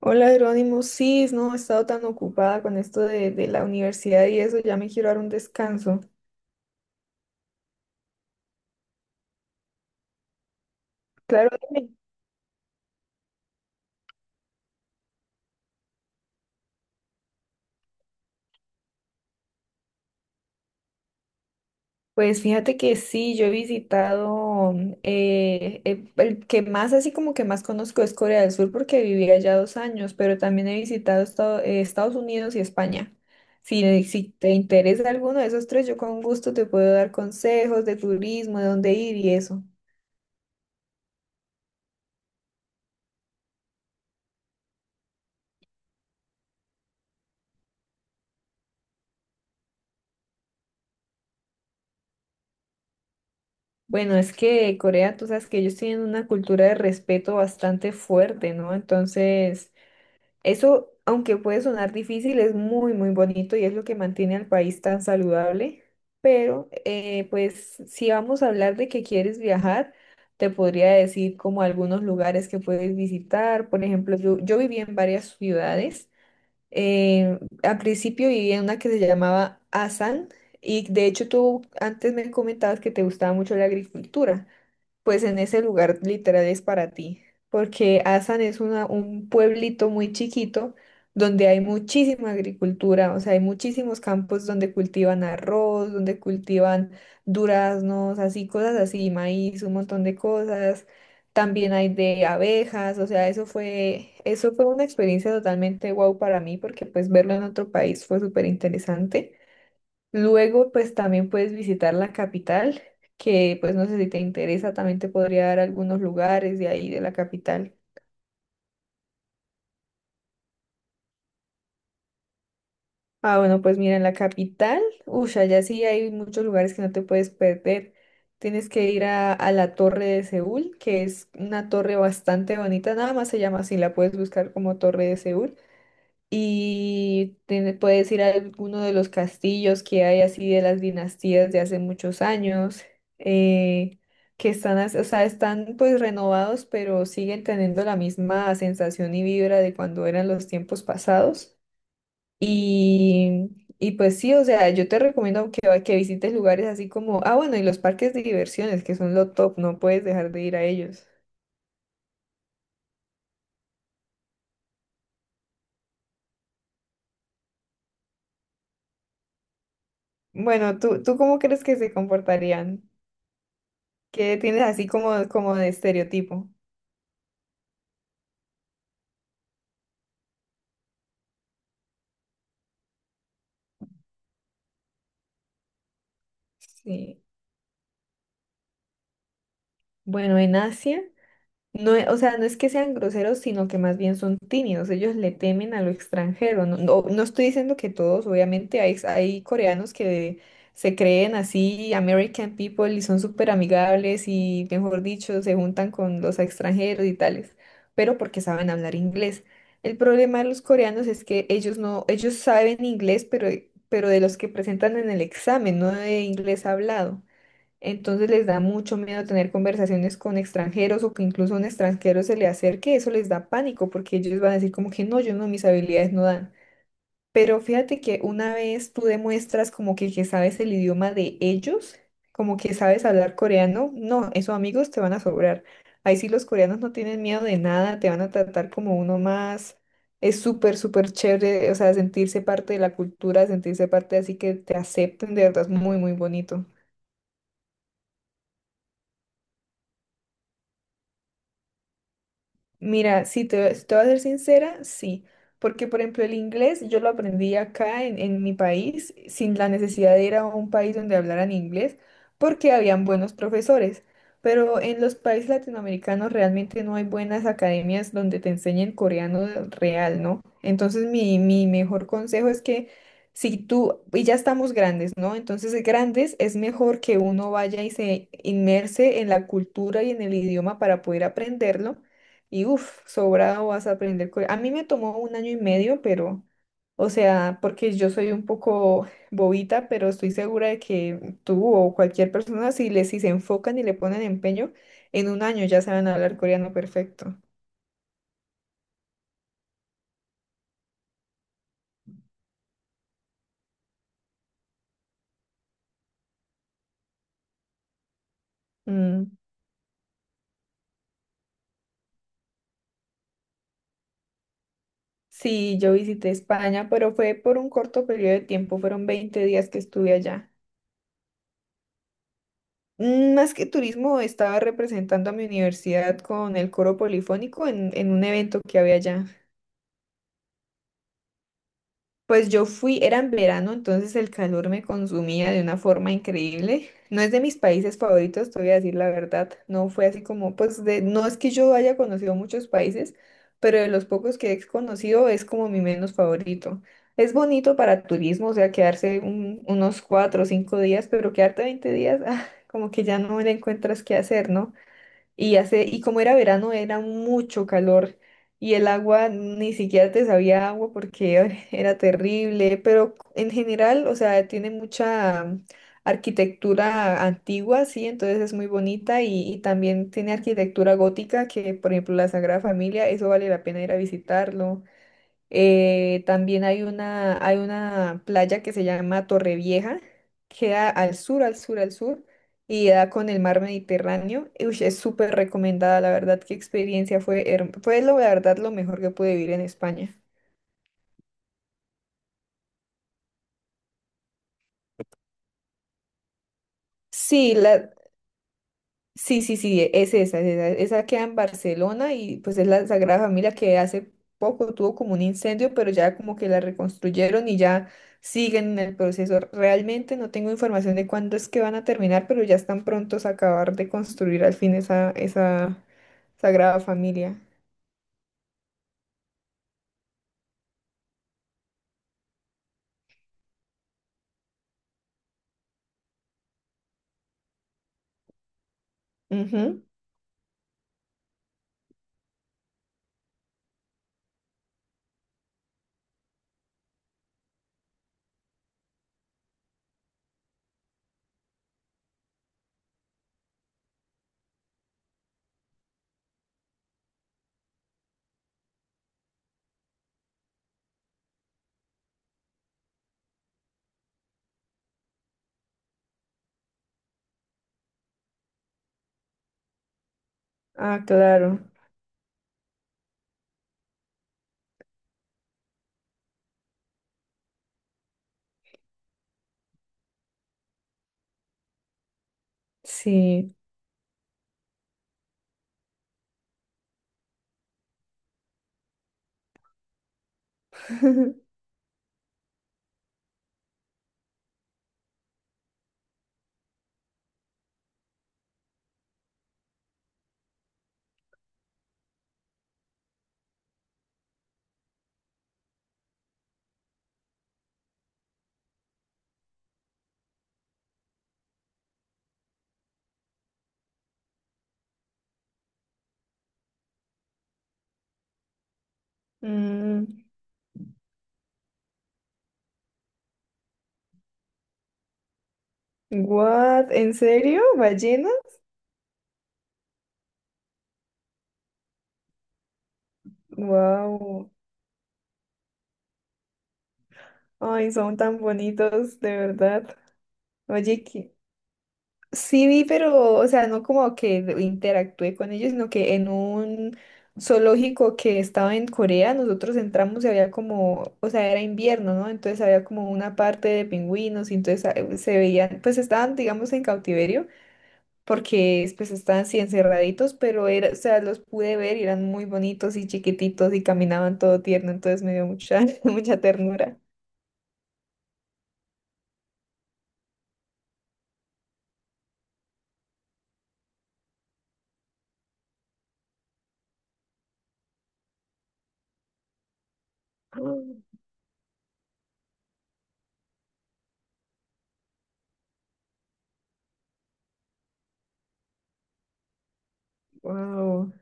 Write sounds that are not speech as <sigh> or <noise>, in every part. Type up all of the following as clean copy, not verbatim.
Hola Jerónimo, sí, no, he estado tan ocupada con esto de la universidad y eso, ya me quiero dar un descanso. Claro, dime. Pues fíjate que sí, yo he visitado, el que más así como que más conozco es Corea del Sur porque viví allá dos años, pero también he visitado Estados Unidos y España. Si, si te interesa alguno de esos tres, yo con gusto te puedo dar consejos de turismo, de dónde ir y eso. Bueno, es que Corea, tú sabes que ellos tienen una cultura de respeto bastante fuerte, ¿no? Entonces, eso, aunque puede sonar difícil, es muy, muy bonito y es lo que mantiene al país tan saludable. Pero, si vamos a hablar de que quieres viajar, te podría decir como algunos lugares que puedes visitar. Por ejemplo, yo viví en varias ciudades. Al principio viví en una que se llamaba Asan, y de hecho tú antes me comentabas que te gustaba mucho la agricultura. Pues en ese lugar literal es para ti, porque Asan es un pueblito muy chiquito donde hay muchísima agricultura, o sea, hay muchísimos campos donde cultivan arroz, donde cultivan duraznos, así cosas así, maíz, un montón de cosas. También hay de abejas, o sea, eso fue una experiencia totalmente guau para mí, porque pues verlo en otro país fue súper interesante. Luego, pues también puedes visitar la capital, que pues no sé si te interesa, también te podría dar algunos lugares de ahí, de la capital. Ah, bueno, pues mira, en la capital, uy, allá sí hay muchos lugares que no te puedes perder. Tienes que ir a la Torre de Seúl, que es una torre bastante bonita, nada más se llama así, la puedes buscar como Torre de Seúl, y te puedes ir a alguno de los castillos que hay así de las dinastías de hace muchos años, eh, que están, o sea, están pues renovados, pero siguen teniendo la misma sensación y vibra de cuando eran los tiempos pasados. Y, y pues sí, o sea, yo te recomiendo que, que visites lugares así como, ah, bueno, y los parques de diversiones, que son lo top, no puedes dejar de ir a ellos. Bueno, ¿ tú cómo crees que se comportarían? ¿Qué tienes así como, como de estereotipo? Sí. Bueno, en Asia, no, o sea, no es que sean groseros, sino que más bien son tímidos. Ellos le temen a lo extranjero. No, no, no estoy diciendo que todos, obviamente, hay coreanos que se creen así, American people, y son súper amigables y, mejor dicho, se juntan con los extranjeros y tales, pero porque saben hablar inglés. El problema de los coreanos es que ellos no, ellos saben inglés, pero de los que presentan en el examen, no de inglés hablado. Entonces les da mucho miedo tener conversaciones con extranjeros o que incluso un extranjero se le acerque, eso les da pánico porque ellos van a decir como que no, yo no, mis habilidades no dan. Pero fíjate que una vez tú demuestras como que sabes el idioma de ellos, como que sabes hablar coreano, no, esos amigos te van a sobrar. Ahí sí los coreanos no tienen miedo de nada, te van a tratar como uno más. Es súper, súper chévere, o sea, sentirse parte de la cultura, sentirse parte así que te acepten, de verdad es muy, muy bonito. Mira, si te voy a ser sincera, sí. Porque, por ejemplo, el inglés yo lo aprendí acá en mi país sin la necesidad de ir a un país donde hablaran inglés porque habían buenos profesores. Pero en los países latinoamericanos realmente no hay buenas academias donde te enseñen coreano real, ¿no? Entonces, mi mejor consejo es que si tú, y ya estamos grandes, ¿no? Entonces, grandes es mejor que uno vaya y se inmerse en la cultura y en el idioma para poder aprenderlo y uff, sobrado vas a aprender. A mí me tomó un año y medio, pero, o sea, porque yo soy un poco <laughs> bobita, pero estoy segura de que tú o cualquier persona, si se enfocan y le ponen empeño, en un año ya saben hablar coreano perfecto. Mm. Sí, yo visité España, pero fue por un corto periodo de tiempo, fueron 20 días que estuve allá. Mm, más que turismo, estaba representando a mi universidad con el coro polifónico en un evento que había allá. Pues yo fui, era en verano, entonces el calor me consumía de una forma increíble. No es de mis países favoritos, te voy a decir la verdad. No fue así como, pues de, no es que yo haya conocido muchos países, pero de los pocos que he conocido es como mi menos favorito. Es bonito para turismo, o sea, quedarse unos 4 o 5 días, pero quedarte 20 días, <laughs> ah, como que ya no le encuentras qué hacer, ¿no? Y hace, y como era verano, era mucho calor y el agua ni siquiera te sabía a agua porque <laughs> ay, era terrible, pero en general, o sea, tiene mucha arquitectura antigua, sí, entonces es muy bonita y también tiene arquitectura gótica que, por ejemplo, la Sagrada Familia, eso vale la pena ir a visitarlo. También hay una playa que se llama Torrevieja, queda al sur, al sur, y da con el mar Mediterráneo. Y, ush, es súper recomendada, la verdad, qué experiencia fue, la verdad lo mejor que pude vivir en España. Sí, la. Sí, sí, sí, es esa, esa queda en Barcelona y pues es la Sagrada Familia que hace poco tuvo como un incendio, pero ya como que la reconstruyeron y ya siguen en el proceso. Realmente no tengo información de cuándo es que van a terminar, pero ya están prontos a acabar de construir al fin esa Sagrada Familia. Ujú. Ah, claro, sí. <laughs> Mm, What? ¿En serio? ¿Ballena? Wow. Ay, son tan bonitos, de verdad. Oye, que sí vi, pero, o sea, no como que interactué con ellos, sino que en un zoológico que estaba en Corea, nosotros entramos y había como, o sea, era invierno, ¿no? Entonces había como una parte de pingüinos y entonces se veían, pues estaban, digamos, en cautiverio, porque pues estaban así encerraditos, pero era, o sea, los pude ver y eran muy bonitos y chiquititos y caminaban todo tierno, entonces me dio mucha, <laughs> mucha ternura. <gasps> Wow.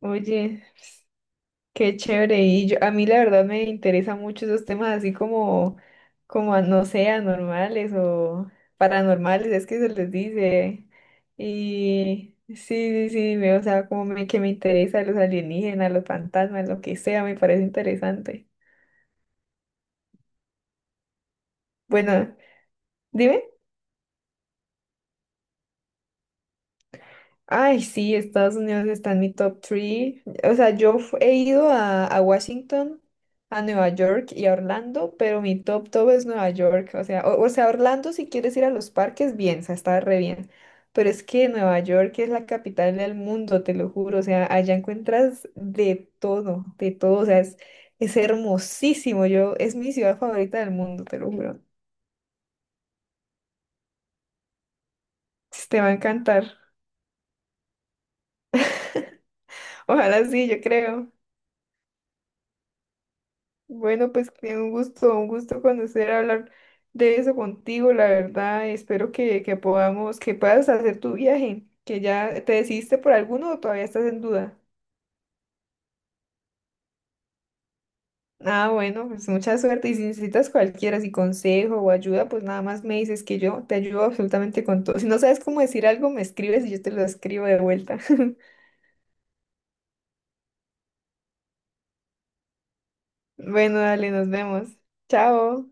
Oye. Qué chévere. A mí la verdad me interesa mucho esos temas así como, no sé, anormales o paranormales, es que se les dice. Y sí, sí, sí, o sea, que me interesa los alienígenas, los fantasmas, lo que sea, me parece interesante. Bueno, dime. Ay, sí, Estados Unidos está en mi top 3. O sea, he ido a Washington, a Nueva York y a Orlando, pero mi top top es Nueva York. O sea, o sea, Orlando si quieres ir a los parques, bien, o sea, está re bien. Pero es que Nueva York es la capital del mundo, te lo juro. O sea, allá encuentras de todo, de todo. O sea, es hermosísimo. Yo, es mi ciudad favorita del mundo, te lo juro. Te va a encantar. Ojalá sí, yo creo. Bueno, pues que un gusto conocer, hablar de eso contigo, la verdad. Espero que podamos, que puedas hacer tu viaje, que ya te decidiste por alguno o todavía estás en duda. Ah, bueno, pues mucha suerte y si necesitas cualquiera, si consejo o ayuda, pues nada más me dices que yo te ayudo absolutamente con todo. Si no sabes cómo decir algo, me escribes y yo te lo escribo de vuelta. <laughs> Bueno, dale, nos vemos. Chao.